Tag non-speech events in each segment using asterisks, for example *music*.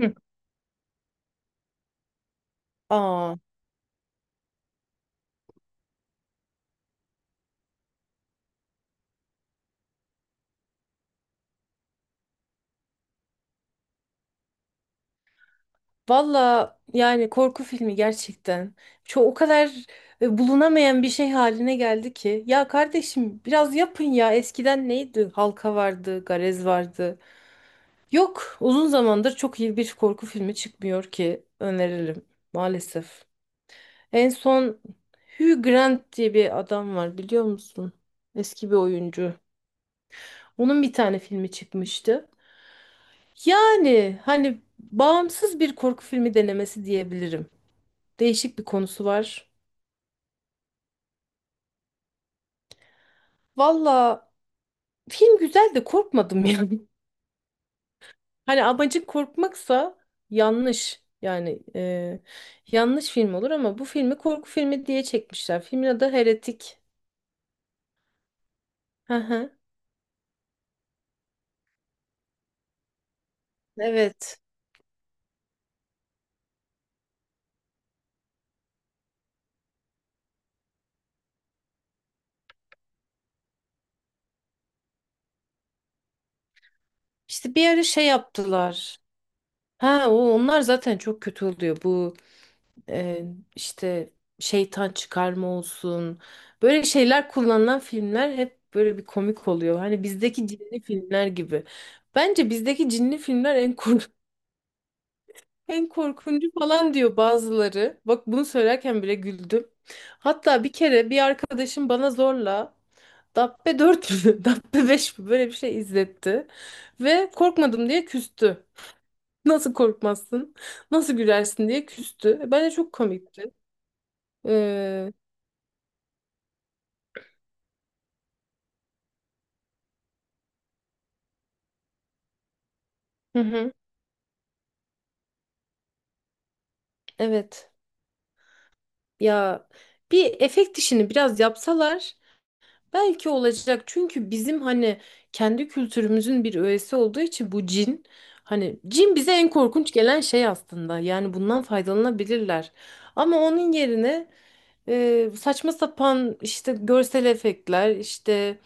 Hı. Aa, valla yani korku filmi gerçekten. Çok o kadar bulunamayan bir şey haline geldi ki. Ya kardeşim biraz yapın ya. Eskiden neydi? Halka vardı, Garez vardı. Yok, uzun zamandır çok iyi bir korku filmi çıkmıyor ki öneririm maalesef. En son Hugh Grant diye bir adam var biliyor musun? Eski bir oyuncu. Onun bir tane filmi çıkmıştı. Yani hani bağımsız bir korku filmi denemesi diyebilirim. Değişik bir konusu var. Valla film güzel de korkmadım yani. *laughs* Hani amacın korkmaksa yanlış. Yani yanlış film olur ama bu filmi korku filmi diye çekmişler. Filmin adı Heretik. Hı hı. Evet. İşte bir ara şey yaptılar. Ha onlar zaten çok kötü oluyor. Bu e, işte şeytan çıkarma olsun. Böyle şeyler kullanılan filmler hep böyle bir komik oluyor. Hani bizdeki cinli filmler gibi. Bence bizdeki cinli filmler en *laughs* en korkuncu falan diyor bazıları. Bak bunu söylerken bile güldüm. Hatta bir kere bir arkadaşım bana zorla Dabbe 4 mü, *laughs* Dabbe 5 mi böyle bir şey izletti. Ve korkmadım diye küstü. *laughs* Nasıl korkmazsın? Nasıl gülersin diye küstü. Bence çok komikti. Ee, Hı hı. Evet. Ya bir efekt işini biraz yapsalar belki olacak. Çünkü bizim hani kendi kültürümüzün bir öğesi olduğu için bu cin hani cin bize en korkunç gelen şey aslında. Yani bundan faydalanabilirler. Ama onun yerine saçma sapan işte görsel efektler, işte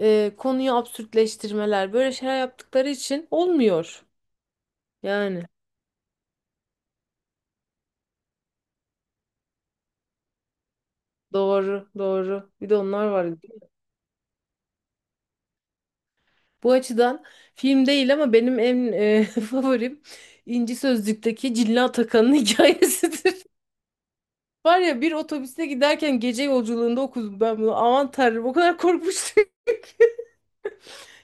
konuyu absürtleştirmeler böyle şeyler yaptıkları için olmuyor. Yani doğru, doğru. Bir de onlar var. Bu açıdan film değil ama benim en *laughs* favorim İnci Sözlük'teki Cilla Atakan'ın *laughs* hikayesidir. Var ya bir otobüste giderken gece yolculuğunda okudum ben bunu. Aman tanrım o kadar korkmuştum. *laughs*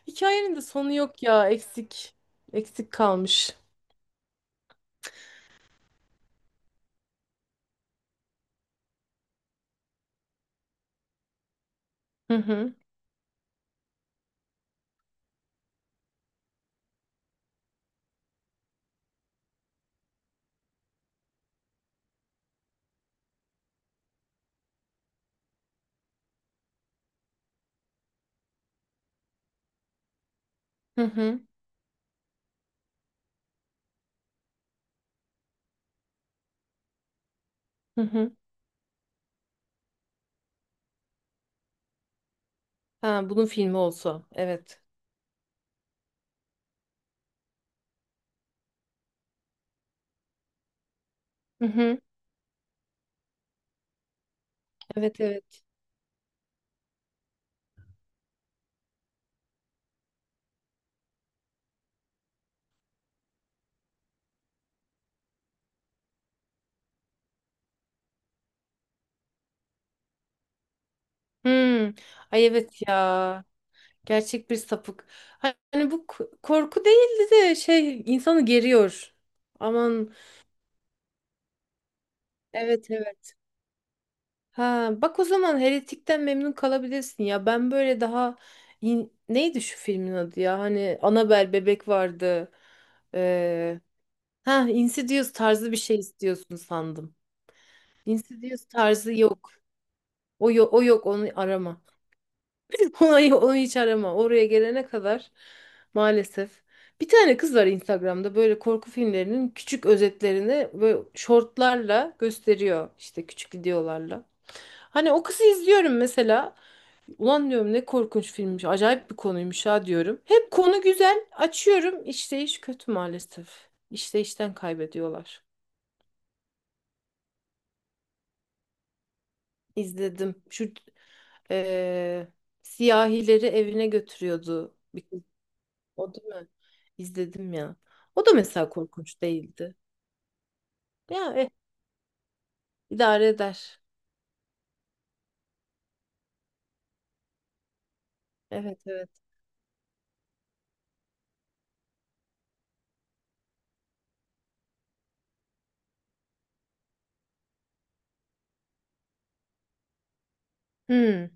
Hikayenin de sonu yok ya eksik. Eksik kalmış. Hı hı hı hı hı hı. Ha bunun filmi olsa evet. Hı hı. Evet evet. Hmm. Ay evet ya. Gerçek bir sapık. Hani bu korku değildi de şey insanı geriyor. Aman, evet evet. Ha bak o zaman Heretik'ten memnun kalabilirsin ya. Ben böyle daha neydi şu filmin adı ya? Hani Annabelle bebek vardı. Ee, ha Insidious tarzı bir şey istiyorsun sandım. Insidious tarzı yok. O yok, o yok onu arama. *laughs* Onu hiç arama. Oraya gelene kadar maalesef. Bir tane kız var Instagram'da böyle korku filmlerinin küçük özetlerini böyle şortlarla gösteriyor. İşte küçük videolarla. Hani o kızı izliyorum mesela. Ulan diyorum ne korkunç filmmiş. Acayip bir konuymuş ha diyorum. Hep konu güzel. Açıyorum. İşte iş kötü maalesef. İşte işten kaybediyorlar. İzledim. Şu eee, siyahileri evine götürüyordu. O değil mi? İzledim ya. O da mesela korkunç değildi. Ya idare eder. Evet evet. Hmm.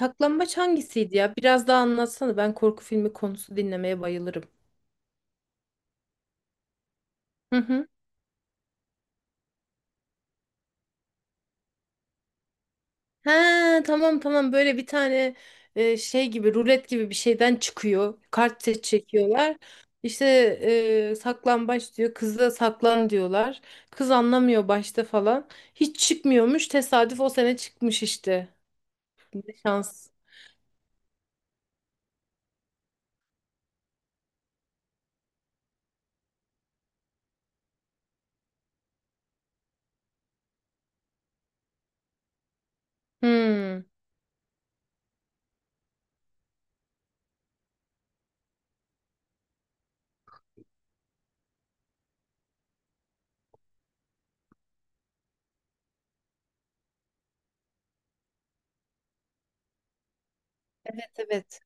Saklambaç hangisiydi ya? Biraz daha anlatsana. Ben korku filmi konusu dinlemeye bayılırım. Hı hı. Ha tamam tamam böyle bir tane şey gibi rulet gibi bir şeyden çıkıyor. Kart set çekiyorlar. İşte saklambaç diyor. Kıza saklan diyorlar. Kız anlamıyor başta falan. Hiç çıkmıyormuş. Tesadüf o sene çıkmış işte. Ne şans. Hmm. Evet.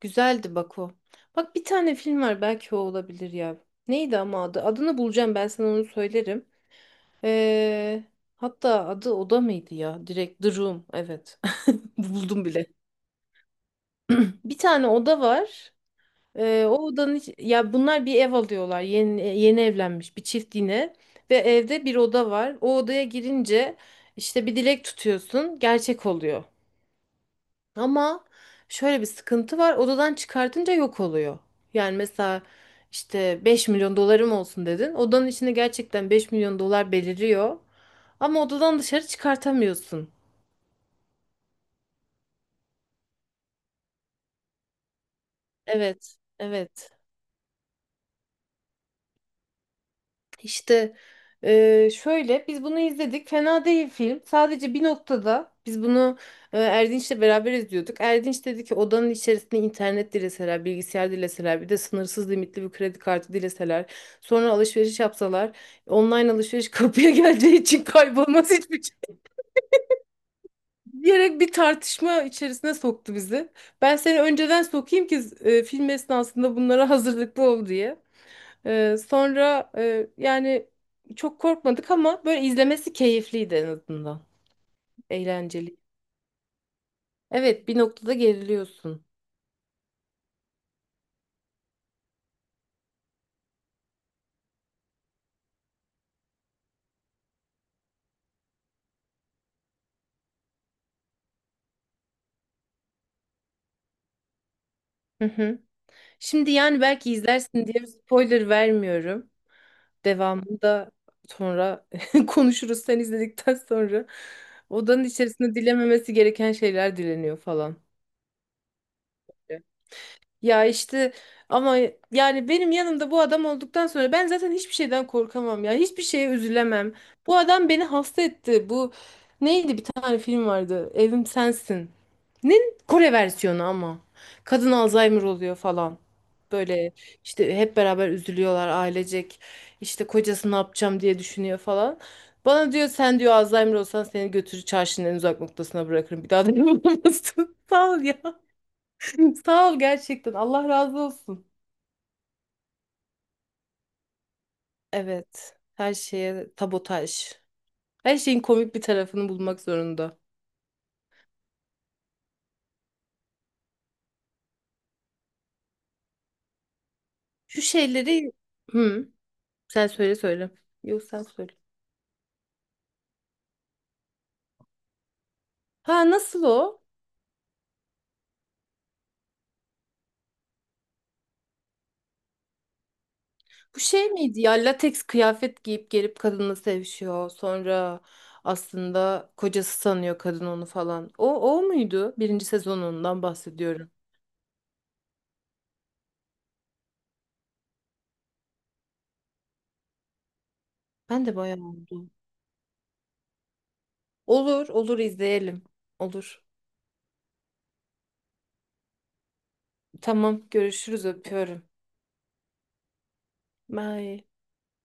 Güzeldi bak o. Bak bir tane film var belki o olabilir ya. Neydi ama adı? Adını bulacağım ben sana onu söylerim. Ee, hatta adı oda mıydı ya? Direkt The Room. Evet. *laughs* Buldum bile. Bir tane oda var. O odanın ya bunlar bir ev alıyorlar. Yeni yeni evlenmiş bir çift yine ve evde bir oda var. O odaya girince işte bir dilek tutuyorsun, gerçek oluyor. Ama şöyle bir sıkıntı var. Odadan çıkartınca yok oluyor. Yani mesela işte 5 milyon dolarım olsun dedin. Odanın içinde gerçekten 5 milyon dolar beliriyor. Ama odadan dışarı çıkartamıyorsun. Evet, evet. İşte şöyle biz bunu izledik. Fena değil film. Sadece bir noktada biz bunu Erdinç'le beraber izliyorduk. Erdinç dedi ki odanın içerisinde internet dileseler, bilgisayar dileseler, bir de sınırsız limitli bir kredi kartı dileseler, sonra alışveriş yapsalar, online alışveriş *laughs* kapıya geleceği için kaybolmaz hiçbir şey diyerek bir tartışma içerisine soktu bizi. Ben seni önceden sokayım ki film esnasında bunlara hazırlıklı ol diye. Sonra yani çok korkmadık ama böyle izlemesi keyifliydi en azından. Eğlenceli. Evet, bir noktada geriliyorsun. Hı hı. Şimdi yani belki izlersin diye spoiler vermiyorum. Devamını da sonra *laughs* konuşuruz sen izledikten sonra. Odanın içerisinde dilememesi gereken şeyler dileniyor falan. Ya işte ama yani benim yanımda bu adam olduktan sonra ben zaten hiçbir şeyden korkamam ya. Hiçbir şeye üzülemem. Bu adam beni hasta etti. Bu neydi bir tane film vardı. Evim Sensin. Nin Kore versiyonu ama. Kadın Alzheimer oluyor falan. Böyle işte hep beraber üzülüyorlar ailecek. İşte kocası ne yapacağım diye düşünüyor falan. Bana diyor sen diyor Alzheimer olsan seni götürür çarşının en uzak noktasına bırakırım. Bir daha da bulamazsın. *laughs* Sağ ol ya. *laughs* Sağ ol gerçekten. Allah razı olsun. Evet. Her şeye tabotaj. Her şeyin komik bir tarafını bulmak zorunda. Şu şeyleri... Hı, sen söyle söyle. Yok sen söyle. Ha nasıl o? Bu şey miydi ya? Lateks kıyafet giyip gelip kadınla sevişiyor. Sonra aslında kocası sanıyor kadın onu falan. O muydu? Birinci sezonundan bahsediyorum. Ben de bayağı oldu. Olur olur izleyelim. Olur. Tamam görüşürüz öpüyorum. Bye.